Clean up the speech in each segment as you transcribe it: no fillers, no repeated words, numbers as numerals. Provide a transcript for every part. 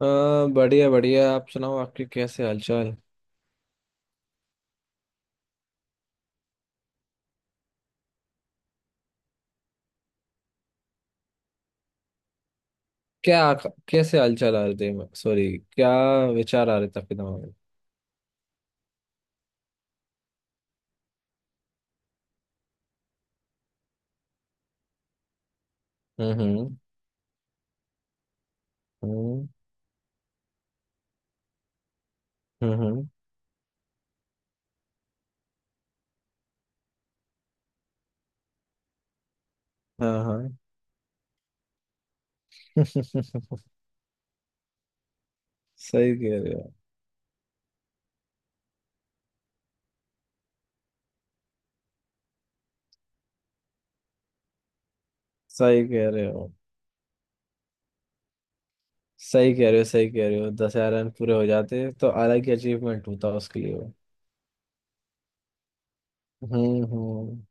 हाँ, बढ़िया बढ़िया। आप सुनाओ, आपके कैसे हालचाल? क्या? कैसे हालचाल आ रहे थे? सॉरी। क्या विचार आ रहे थे आपके दिमाग में? हम्म, हम्म। हम्म, हम्म। हाँ, हाँ। सही कह रहे हो, सही कह रहे हो, सही कह रहे हो, सही कह रहे हो। 10,000 रन पूरे हो जाते तो अलग ही अचीवमेंट होता उसके लिए वो। हम्म, हम्म।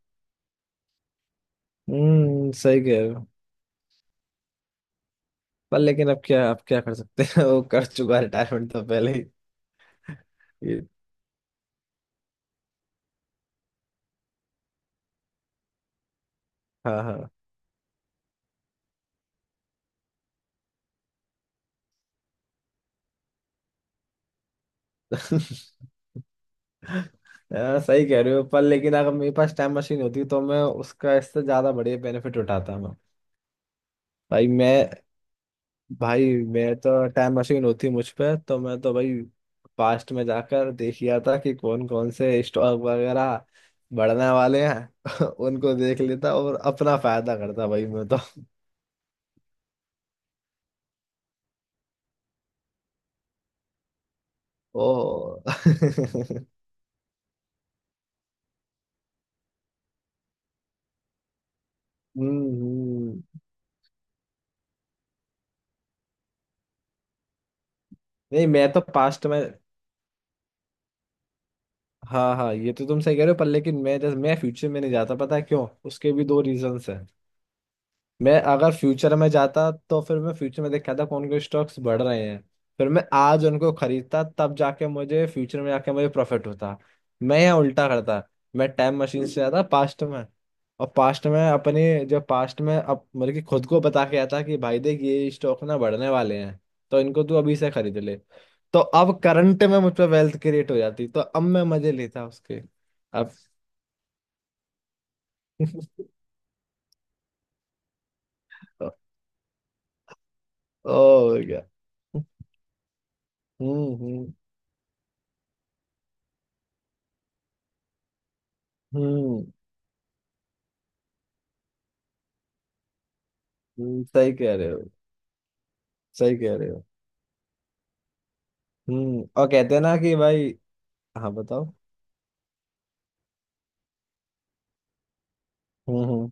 हम्म, सही कह रहे हो। पर लेकिन अब क्या, आप क्या कर सकते हैं? वो कर चुका रिटायरमेंट तो पहले ही। ये। हाँ, हाँ। हाँ, सही कह रहे हो। पर लेकिन अगर मेरे पास टाइम मशीन होती तो मैं उसका इससे ज्यादा बढ़िया बेनिफिट उठाता मैं। भाई मैं भाई मैं तो टाइम मशीन होती मुझ पे तो मैं तो भाई पास्ट में जाकर देख लिया था कि कौन कौन से स्टॉक वगैरह बढ़ने वाले हैं। उनको देख लेता और अपना फायदा करता भाई मैं तो। ओ। हम्म, हम्म। नहीं, मैं तो पास्ट में। हाँ हाँ, ये तो तुम सही कह रहे हो। पर लेकिन मैं जैसे मैं फ्यूचर में नहीं जाता, पता है क्यों? उसके भी दो रीजंस है। मैं अगर फ्यूचर में जाता तो फिर मैं फ्यूचर में देखता था कौन कौन स्टॉक्स बढ़ रहे हैं। फिर मैं आज उनको खरीदता, तब जाके मुझे फ्यूचर में जाके मुझे प्रॉफिट होता। मैं यहाँ उल्टा करता। मैं टाइम मशीन से जाता पास्ट में। और पास्ट में अपने जो पास्ट में अप मतलब कि खुद को बता के आता कि भाई देख ये स्टॉक ना बढ़ने वाले हैं, तो इनको तू अभी से खरीद ले। तो अब करंट में मुझ पर वेल्थ क्रिएट हो जाती, तो अब मैं मजे लेता उसके। अब। ओ गया। हम्म, हम्म। हम्म, सही कह रहे हो, सही कह रहे हो। हम्म। और कहते हैं ना कि भाई। हाँ, बताओ। हम्म, हम्म।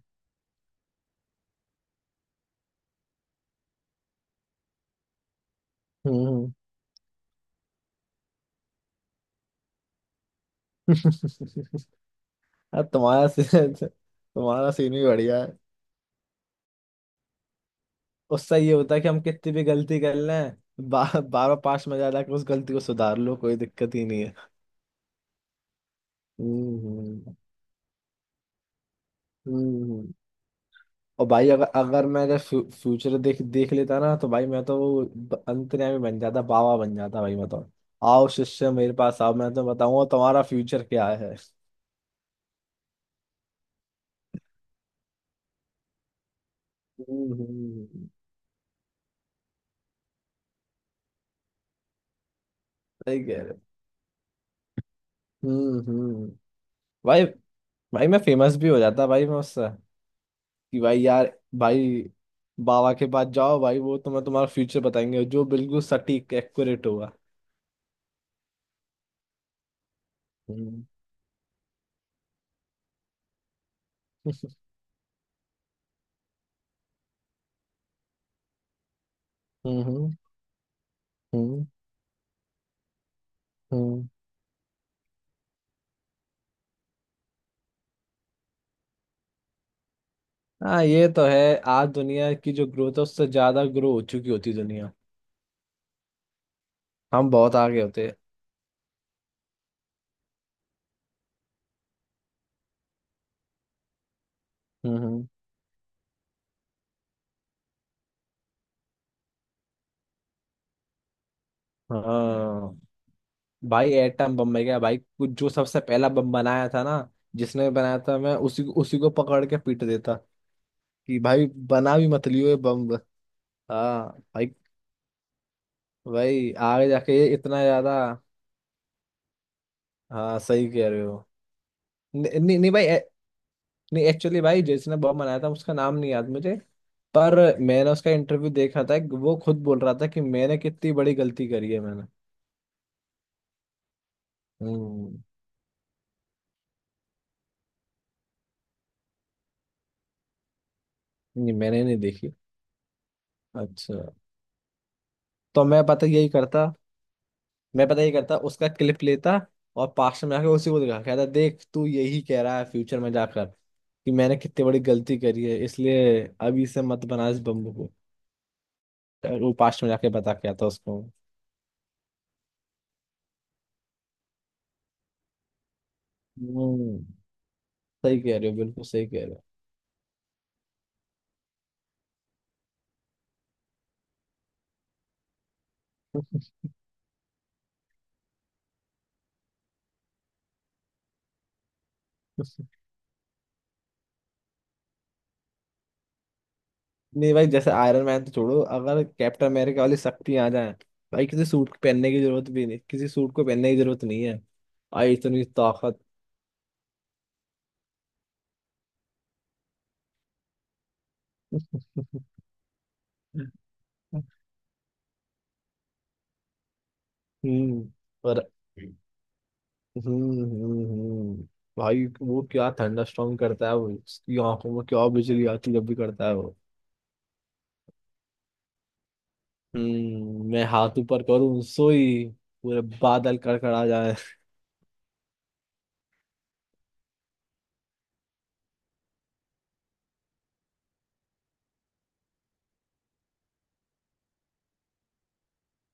हम्म, हम्म। अब तुम्हारा सीन, तुम्हारा सीन भी बढ़िया है। उससे ये होता है कि हम कितनी भी गलती कर लें बार पास में ज्यादा उस गलती को सुधार लो, कोई दिक्कत ही नहीं है। हम्म, हम्म, हम्म। और भाई अगर अगर मैं अगर फ्यूचर देख देख लेता ना तो भाई मैं तो वो अंतर्यामी बन जाता, बाबा बन जाता भाई मैं तो। आओ शिष्य मेरे पास आओ, मैं तो बताऊंगा तुम्हारा फ्यूचर क्या है। हम्म, सही कह रहे हो। हम्म, हम्म। भाई भाई मैं फेमस भी हो जाता भाई मैं उससे। कि भाई यार, भाई बाबा के पास जाओ, भाई वो तुम्हें तुम्हारा फ्यूचर बताएंगे जो बिल्कुल सटीक एक्यूरेट होगा। हम्म, हम्म। हम्म, हम्म। हाँ, ये तो है। आज दुनिया की जो ग्रोथ है उससे ज्यादा ग्रो हो चुकी होती दुनिया। हम बहुत आगे होते। हम्म, हाँ भाई, एटम बम में गया भाई कुछ जो सबसे पहला बम बनाया था ना, जिसने बनाया था मैं उसी उसी को पकड़ के पीट देता कि भाई बना भी मत लियो ये बम। हाँ। भाई भाई आगे जाके ये इतना ज्यादा। हाँ, सही कह रहे हो। नहीं नहीं नहीं भाई नहीं एक्चुअली भाई, जिसने बम बनाया था उसका नाम नहीं याद मुझे। पर मैंने उसका इंटरव्यू देखा था, वो खुद बोल रहा था कि मैंने कितनी बड़ी गलती करी है मैंने। हम्म। नहीं, मैंने नहीं देखी। अच्छा। तो मैं पता यही करता उसका क्लिप लेता और पास्ट में जाके उसी को दिखा कहता देख तू यही कह रहा है फ्यूचर में जाकर कि मैंने कितनी बड़ी गलती करी है, इसलिए अभी से मत बना इस बम को। वो पास्ट में जाके बता के आता उसको। हम्म, सही कह रहे हो, बिल्कुल सही कह रहे हो। नहीं भाई, जैसे आयरन मैन तो छोड़ो, अगर कैप्टन अमेरिका वाली शक्ति आ जाए, भाई किसी सूट पहनने की जरूरत भी नहीं, किसी सूट को पहनने की जरूरत नहीं है भाई, इतनी ताकत। हम्म। और हम्म, हम्म, भाई वो क्या थंडरस्टॉर्म करता है वो, उसकी आंखों में क्या बिजली आती है जब भी करता है। हम्म। मैं हाथ ऊपर करूं सोई पूरे बादल कड़कड़ा जाए।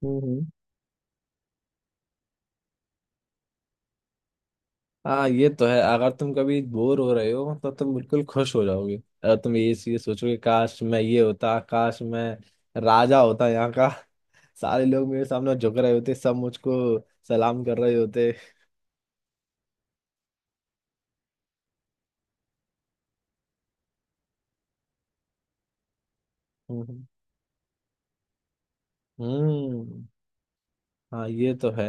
हम्म, हाँ, ये तो है। अगर तुम कभी बोर हो रहे हो तो तुम बिल्कुल खुश हो जाओगे अगर तुम ये चीज सोचोगे काश मैं ये होता, काश मैं राजा होता यहाँ का, सारे लोग मेरे सामने झुक रहे होते, सब मुझको सलाम कर रहे होते। हम्म, हम्म, हाँ ये तो है।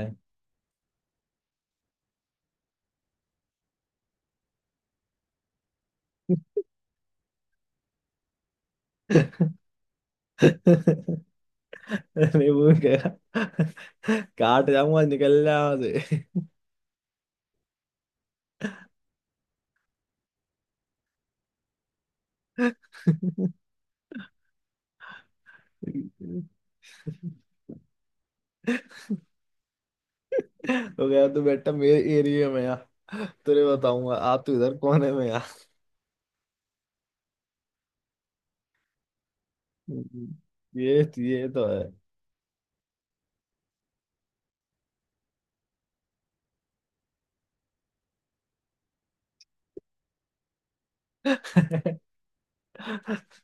मैं वो कह रहा, काट जाऊंगा निकल जाऊंगा से। तो गया तो बेटा मेरे एरिया में आ, तुझे बताऊंगा। आप तो इधर कोने में आ। हम्म। ये ये तो है।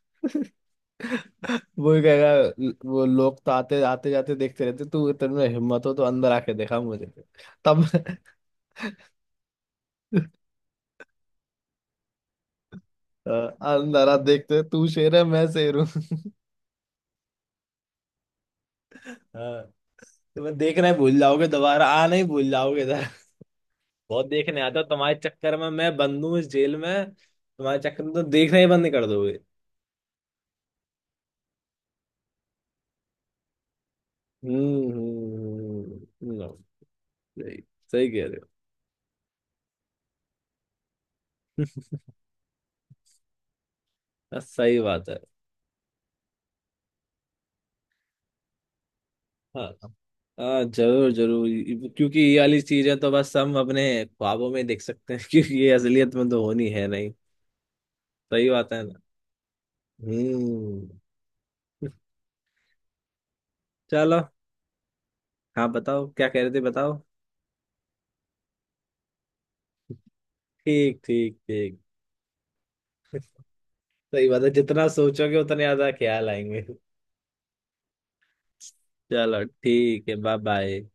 वो ही कहेगा। वो लोग तो आते आते जाते देखते रहते, तू इतने में हिम्मत हो तो अंदर आके देखा मुझे। तब। अ, अंदर आ देखते तू शेर है मैं शेर हूँ। हाँ, तुम्हें देखना ही भूल जाओगे, दोबारा आना ही भूल जाओगे इधर। बहुत देखने आता हूँ, तुम्हारे चक्कर में मैं बंद हूँ इस जेल में, तुम्हारे चक्कर में तो देखना ही बंद कर दोगे। हम्म, हम्म, सही सही कह रहे हो। हाँ, सही बात है। हाँ हाँ, जरूर जरूर क्योंकि ये वाली चीजें तो बस हम अपने ख्वाबों में देख सकते हैं क्योंकि ये असलियत में तो होनी है नहीं। सही बात है ना। हम्म। चलो। हाँ, बताओ क्या कह रहे थे बताओ। ठीक ठीक ठीक। सही बात है जितना सोचोगे उतने ज्यादा ख्याल आएंगे। चलो ठीक है, बाय बाय।